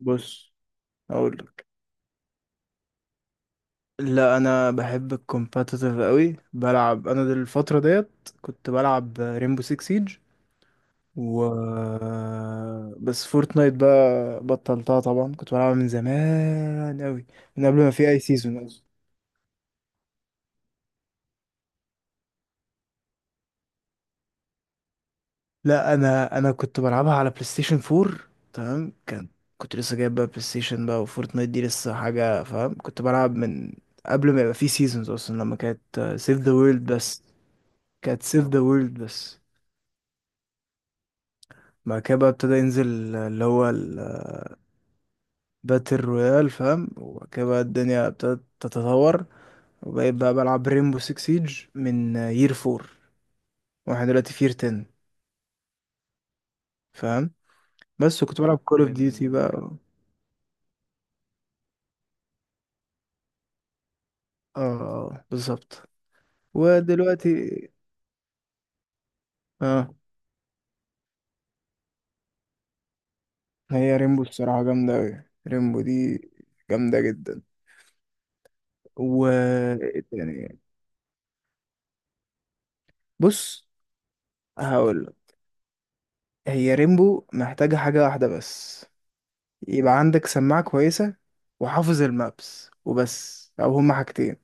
بص، اقول لك. لا، انا بحب الكومباتيتيف قوي، بلعب انا دي الفتره ديت، كنت بلعب ريمبو 6 سيج. و بس فورتنايت بقى بطلتها، طبعا كنت بلعبها من زمان قوي، من قبل ما في اي سيزون اصلا. لا، انا كنت بلعبها على بلاي ستيشن 4. تمام. كنت لسه جايب بقى بلاي ستيشن بقى، وفورتنايت دي لسه حاجه، فاهم. كنت بلعب من قبل ما يبقى في سيزونز اصلا، لما كانت سيف ذا وورلد بس. كانت سيف ذا وورلد بس. بعد كده بقى ابتدى ينزل اللي هو الباتل رويال، فاهم. وبعد كده بقى الدنيا ابتدت تتطور. وبقيت بقى بلعب ريمبو 6 سيج من يير 4، واحنا دلوقتي في يير 10، فاهم. بس كنت بلعب كول اوف ديوتي من بقى اه. آه، بالظبط. ودلوقتي اه هي ريمبو الصراحة جامدة أوي، ريمبو دي جامدة جدا. و يعني بص، هقول، هي ريمبو محتاجة حاجة واحدة بس. يبقى عندك سماعة كويسة وحافظ المابس، وبس. أو هما حاجتين: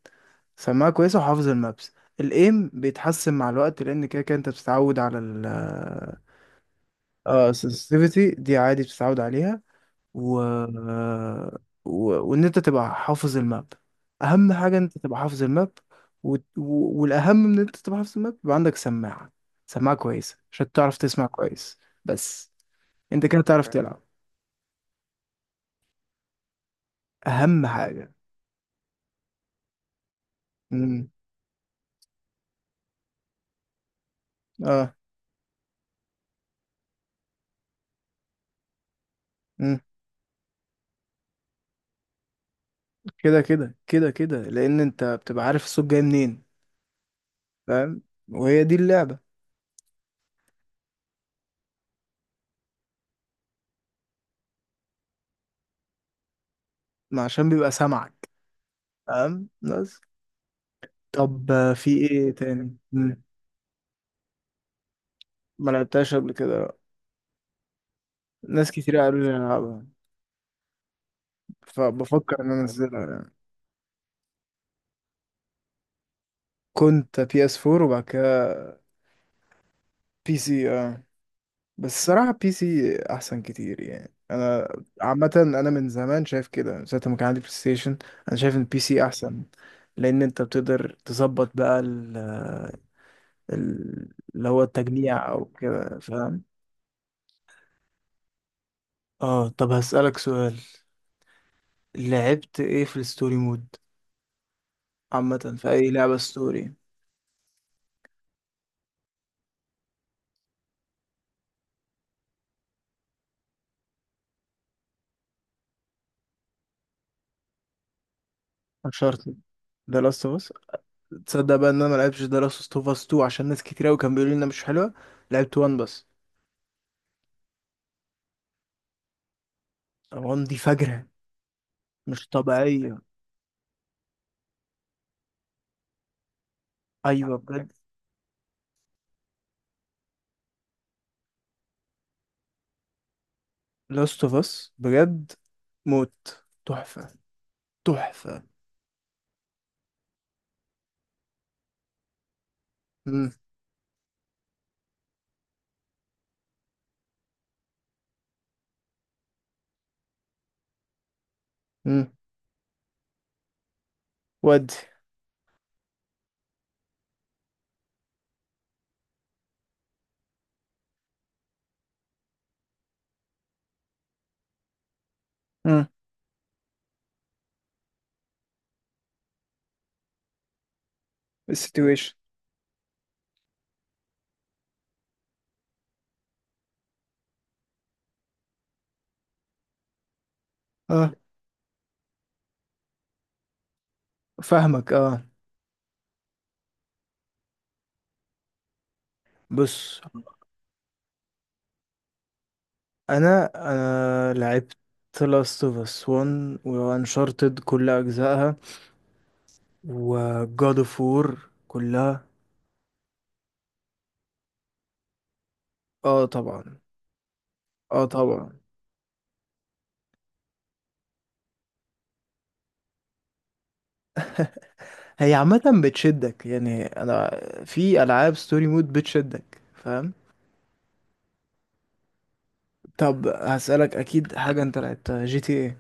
سماعة كويسة وحافظ المابس. الإيم بيتحسن مع الوقت، لأن كده كده أنت بتتعود على ال اه السنسيتيفيتي دي، عادي بتتعود عليها. و... وإن أنت تبقى حافظ الماب، أهم حاجة إن أنت تبقى حافظ الماب. والأهم من إن أنت تبقى حافظ الماب، يبقى عندك سماعة، سماعة كويسة عشان تعرف تسمع كويس، بس. أنت كده تعرف تلعب، أهم حاجة. امم. اه. مم. كده كده كده كده لان انت بتبقى عارف الصوت جاي منين، فاهم. وهي دي اللعبة. ما عشان بيبقى سامعك، فاهم، بس. طب آه، في ايه تاني؟ مم. ما لعبتهاش قبل كده، لأ. ناس كتير قالوا لي العبها، فبفكر ان انا انزلها يعني. كنت بي اس 4 وبعد كده بي سي اه. بس الصراحة بي سي احسن كتير، يعني انا عامة انا من زمان شايف كده، من ساعة ما كان عندي بلاي ستيشن انا شايف ان بي سي احسن. لان انت بتقدر تظبط بقى ال- اللي هو التجميع او كده، فاهم. اه، طب هسألك سؤال: لعبت ايه في الستوري مود؟ عامة في اي لعبة ستوري. انشارتد، ده لاست اوف اس. تصدق بقى ان انا ما لعبتش ده لاست اوف اس 2 عشان ناس كتير قوي كانوا بيقولوا لي انها مش حلوه. لعبت 1 بس. 1 دي فجرة، مش طبيعية. ايوه، بجد. لاست اوف اس، بجد، موت. تحفة. تحفة. امم. امم. ودي. امم. السيتويشن اه فاهمك، اه. بص، انا لعبت لاست اوف اس 1 وانشارتد كل اجزائها، وجاد اوف وور كلها. اه، طبعا. اه، طبعا. هي عامه بتشدك، يعني انا في العاب ستوري مود بتشدك، فاهم. طب هسألك، اكيد حاجه انت لعبتها جي تي ايه.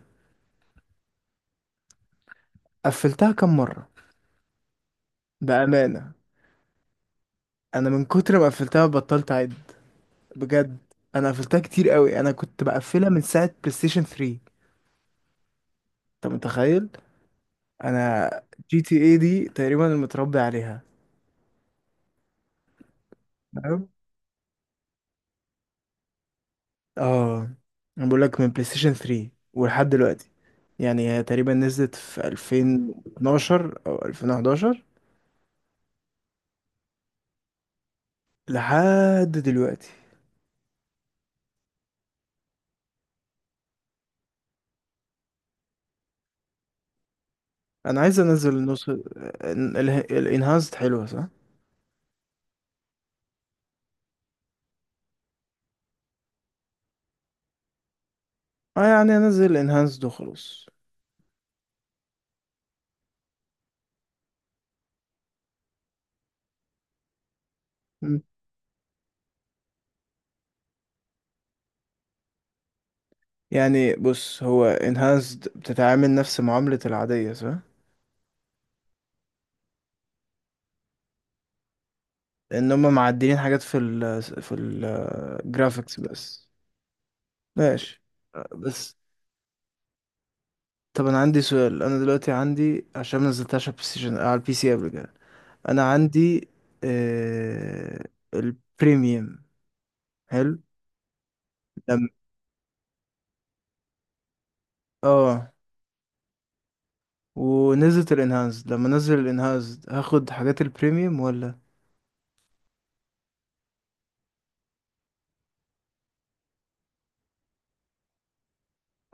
قفلتها كم مره؟ بامانه. انا من كتر ما قفلتها بطلت اعد، بجد. انا قفلتها كتير قوي، انا كنت بقفلها من ساعه بلاي ستيشن 3. انت متخيل؟ انا جي تي اي دي تقريبا متربي عليها. تمام، اه. انا بقول لك من بلاي ستيشن 3 ولحد دلوقتي، يعني هي تقريبا نزلت في 2012 او 2011 لحد دلوقتي. انا عايز انزل النص الانهانسد، حلوه صح؟ اه، يعني انزل الانهانسد وخلاص. مم. يعني بص، هو انهانسد بتتعامل نفس معامله العاديه، صح؟ ان هم معدلين حاجات في الجرافيكس بس. ماشي، بس. طب انا عندي سؤال: انا دلوقتي عندي، عشان ما نزلتهاش على البلاي ستيشن، على البي سي قبل كده، انا عندي آه... البريميوم. حلو. لما اه. ونزلت الانهانس، لما نزل الانهانس هاخد حاجات البريميوم ولا؟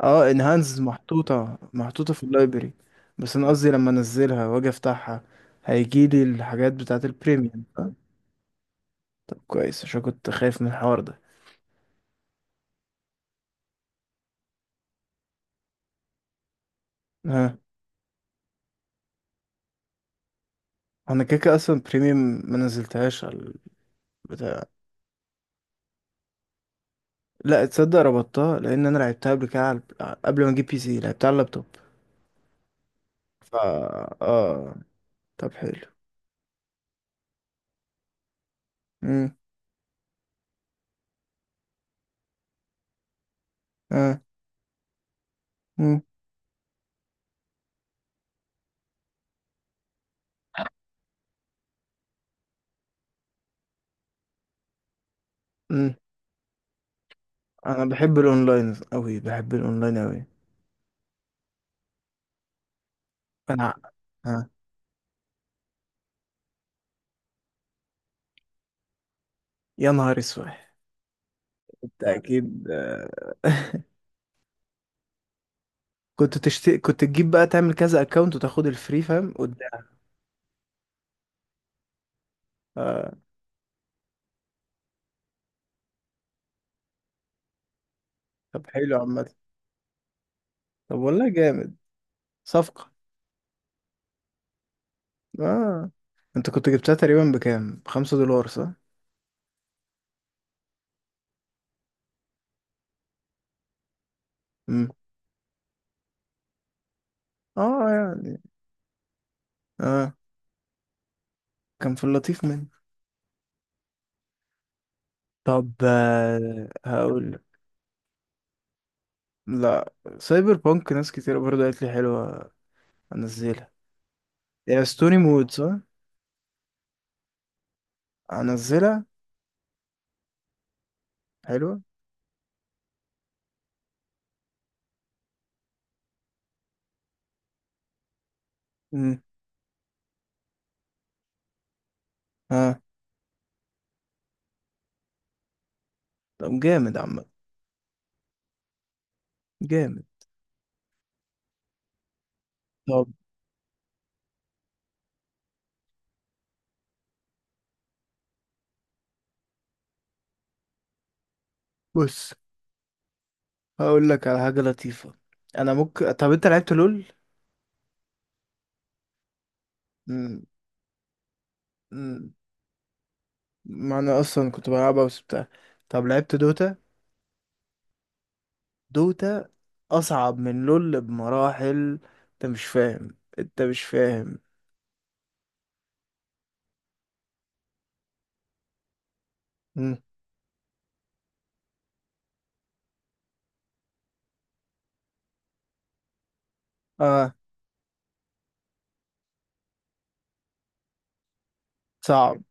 اه، انهانس محطوطة محطوطة في اللايبرري. بس انا قصدي لما انزلها واجي افتحها هيجيلي الحاجات بتاعت البريميوم، فاهم؟ طب كويس، عشان كنت خايف من الحوار ده. ها، انا كده كده اصلا بريميوم، ما نزلتهاش بتاع لا، تصدق ربطتها، لان انا لعبتها قبل كده، قبل ما اجيب بي سي لعبتها على اللابتوب. فا اه طب حلو. امم. اه. امم. امم. انا بحب الاونلاين قوي، بحب الاونلاين قوي. انا. ها. يا نهار اسود! انت اكيد، آه. كنت تجيب بقى تعمل كذا اكونت وتاخد الفري، فاهم، قدام. اه، طب حلو، عامة. طب والله جامد، صفقة. اه، انت كنت جبتها تقريبا بكام؟ بخمسة دولار صح؟ امم. اه يعني اه. كان في اللطيف منه. طب آه، هقول. لا، سايبر بانك ناس كتير برضه قالت لي حلوة، انزلها. يا ستوني مود صح؟ انزلها، حلوة. امم. ها. طب جامد، عم، جامد. طب بص، هقول لك على حاجة لطيفة. انا ممكن طب انت لعبت لول؟ مم. مم. ما انا اصلا كنت بلعبها بس طب لعبت دوتا؟ دوتا اصعب من لول بمراحل، انت مش فاهم، انت مش فاهم. مم. اه، صعب.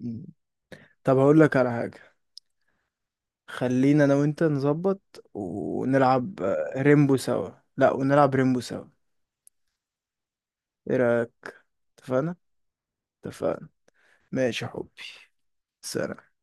مم. طب هقول لك على حاجة: خلينا انا وانت نظبط ونلعب آه، ريمبو سوا. لا، ونلعب ريمبو سوا، ايه رأيك؟ اتفقنا. اتفقنا، ماشي يا حبي. سلام.